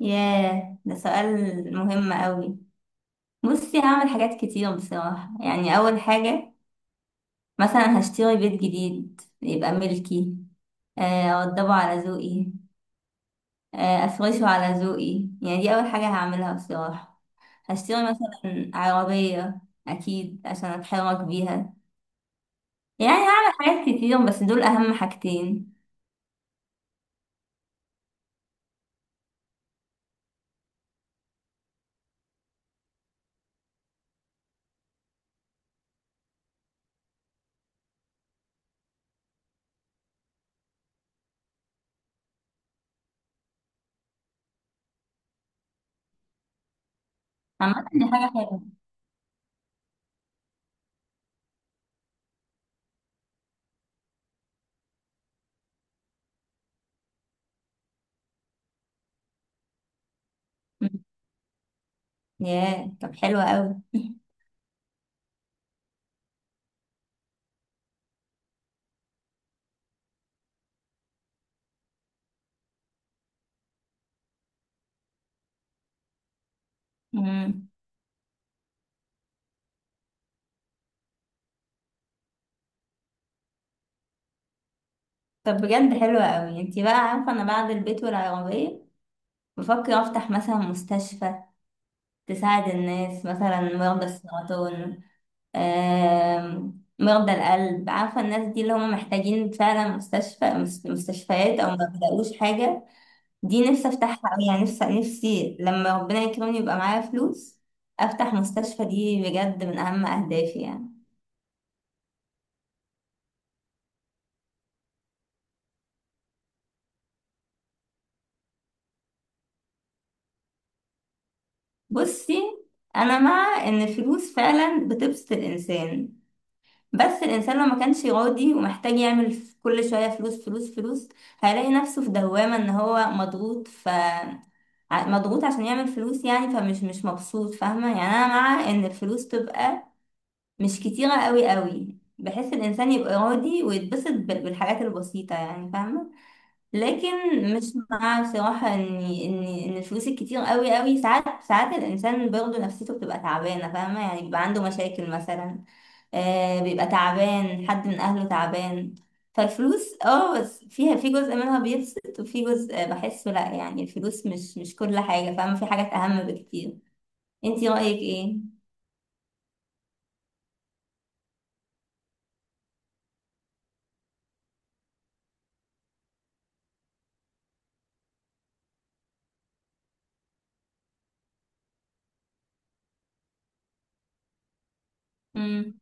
ياه، ده سؤال مهم قوي. بصي، هعمل حاجات كتير بصراحة. يعني أول حاجة، مثلا هشتري بيت جديد يبقى ملكي. أوضبه على ذوقي. أفرشه على ذوقي. يعني دي أول حاجة هعملها بصراحة. هشتري مثلا عربية، أكيد عشان أتحرك بيها. يعني هعمل حاجات كتير، بس دول أهم حاجتين. عامة دي حاجة حلوة. ياه، طب حلوة قوي. مم. طب بجد حلوة قوي. انتي بقى عارفة، انا بعد البيت والعربية بفكر أفتح مثلا مستشفى تساعد الناس، مثلا مرضى السرطان، مرضى القلب. عارفة الناس دي اللي هم محتاجين فعلا مستشفى، مستشفيات، أو ما بيلاقوش حاجة. دي نفسي أفتحها أوي، يعني نفسي نفسي لما ربنا يكرمني يبقى معايا فلوس أفتح مستشفى. دي بجد من أهم أهدافي يعني. بصي، أنا مع إن الفلوس فعلا بتبسط الإنسان، بس الإنسان لو ما كانش راضي، ومحتاج يعمل كل شوية فلوس فلوس فلوس، هيلاقي نفسه في دوامة إن هو مضغوط، مضغوط عشان يعمل فلوس. يعني فمش مش مبسوط، فاهمة؟ يعني أنا مع إن الفلوس تبقى مش كتيرة قوي قوي، بحيث الإنسان يبقى راضي ويتبسط بالحاجات البسيطة، يعني فاهمة؟ لكن مش مع، بصراحة، ان الفلوس الكتير قوي قوي ساعات ساعات الانسان برضه نفسيته بتبقى تعبانة، فاهمة؟ يعني بيبقى عنده مشاكل مثلا، بيبقى تعبان، حد من اهله تعبان. فالفلوس، بس فيها، في جزء منها بيبسط وفي جزء بحسه لا. يعني الفلوس مش كل حاجة، فاهمة؟ في حاجات اهم بكتير. انتي رأيك ايه؟ مم.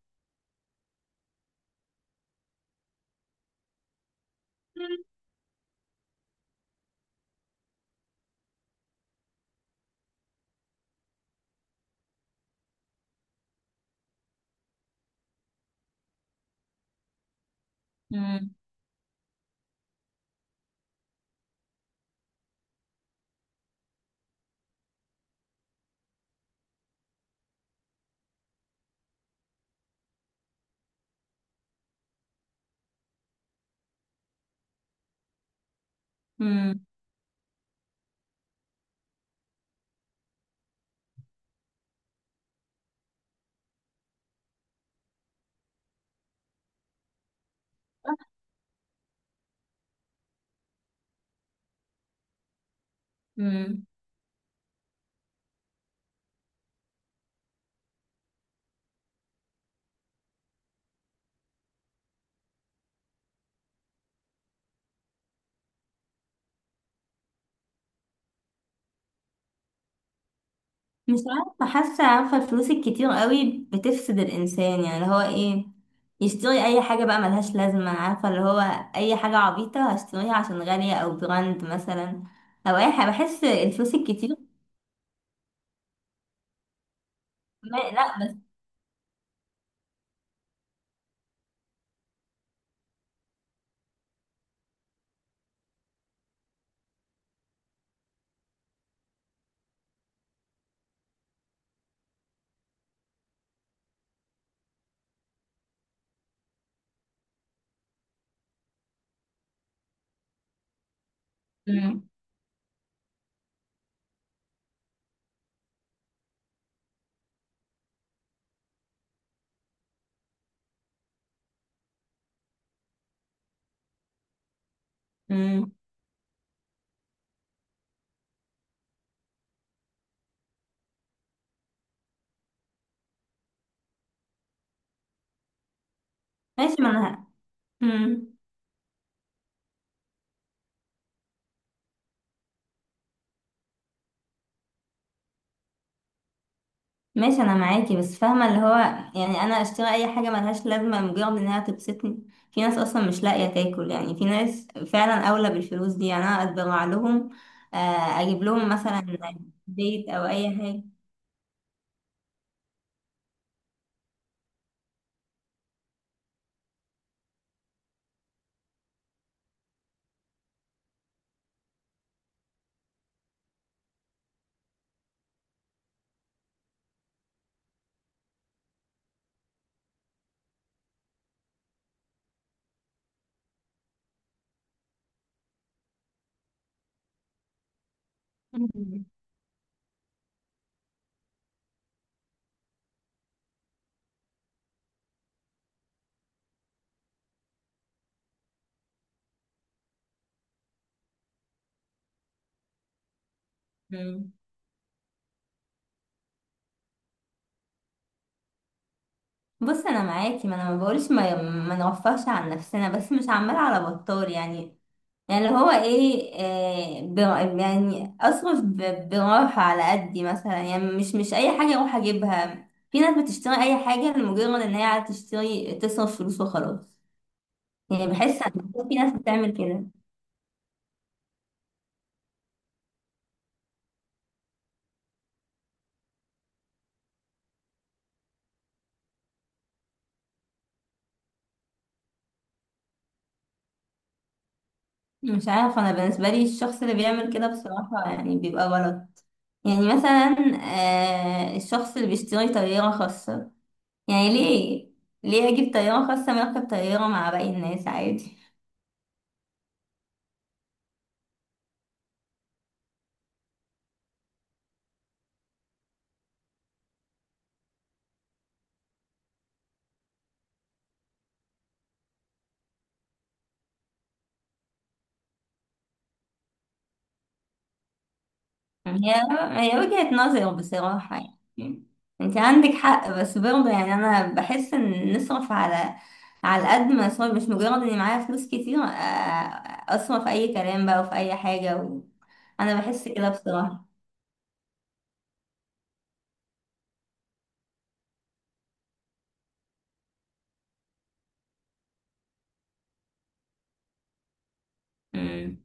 مم. مم. مم. مش عارفة، حاسة، عارفة الفلوس الكتير قوي بتفسد الإنسان، يعني اللي هو إيه، يشتري أي حاجة بقى ملهاش لازمة. عارفة اللي هو أي حاجة عبيطة هشتريها عشان غالية أو براند مثلا، أو أي حاجة. بحس الفلوس الكتير ما لا، بس. مم. مم. ماشي، ما أنا. مم. ماشي، انا معاكي، بس فاهمه اللي هو، يعني انا اشتري اي حاجه ملهاش لازمه لمجرد انها تبسطني؟ في ناس اصلا مش لاقيه تاكل، يعني في ناس فعلا اولى بالفلوس دي، يعني انا اتبرع لهم. اجيب لهم مثلا بيت او اي حاجه. مم. مم. بص، انا معاكي، ما انا ما بقولش ما نوفرش عن نفسنا، بس مش عمال على بطال يعني. يعني اللي هو ايه، يعني اصرف براحة، على قدي مثلا. يعني مش اي حاجة اروح اجيبها. في ناس بتشتري اي حاجة لمجرد ان هي عايزة تشتري، تصرف فلوس وخلاص. يعني بحس ان في ناس بتعمل كده. مش عارفة، انا بالنسبة لي الشخص اللي بيعمل كده بصراحة يعني بيبقى غلط. يعني مثلا الشخص اللي بيشتري طيارة خاصة، يعني ليه اجيب طيارة خاصة؟ ما اركب طيارة مع باقي الناس عادي. هي هي وجهة نظر بصراحة يعني. انت عندك حق، بس برضه يعني انا بحس ان نصرف على قد ما اصرف، مش مجرد اني معايا فلوس كتير اصرف اي كلام بقى وفي اي حاجة انا بحس كده بصراحة. مم.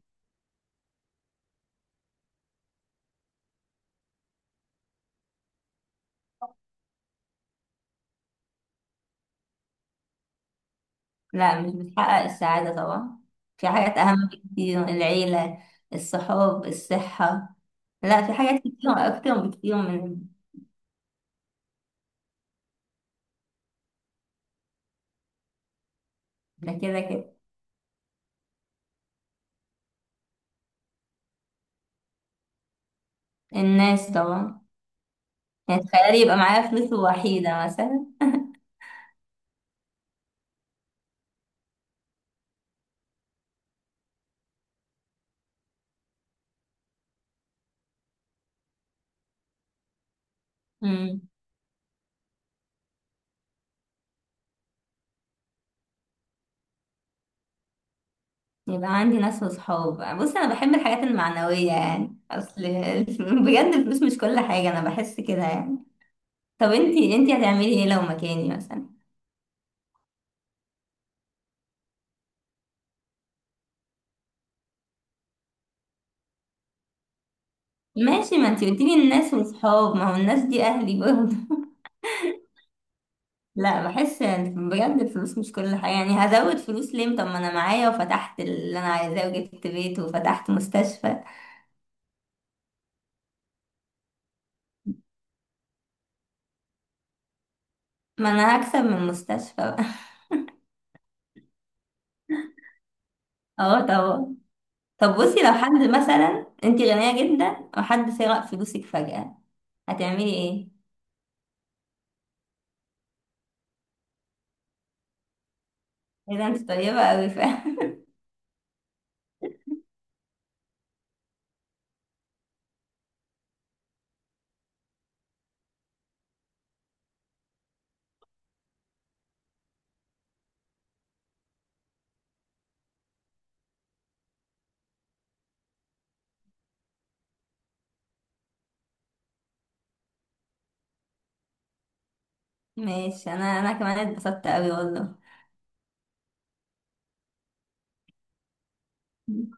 لا، مش بتحقق السعادة طبعا. في حاجات اهم بكتير: العيلة، الصحاب، الصحة. لا، في حاجات كتير اكتر بكتير من ده كده كده. الناس طبعا. يعني تخيلي يبقى معايا فلوس وحيدة مثلا. يبقى عندي ناس وصحاب. بص، انا بحب الحاجات المعنوية، يعني اصل بجد الفلوس مش كل حاجة، انا بحس كده يعني. طب انتي، هتعملي ايه لو مكاني مثلا؟ ماشي، ما انتي قلتيلي الناس وصحاب، ما هو الناس دي اهلي برضه. لا، بحس إن بجد الفلوس مش كل حاجة. يعني هزود فلوس ليه طب، ما انا معايا وفتحت اللي انا عايزاه وجبت بيت وفتحت مستشفى. ما انا هكسب من المستشفى بقى. اه طبعا. طب بصي، لو حد مثلا، انتي غنية جدا وحد سرق فلوسك فجأة، هتعملي ايه؟ ايه ده، انت طيبة اوي فعلا. ماشي، انا كمان اتبسطت اوي والله.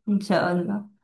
ان شاء الله.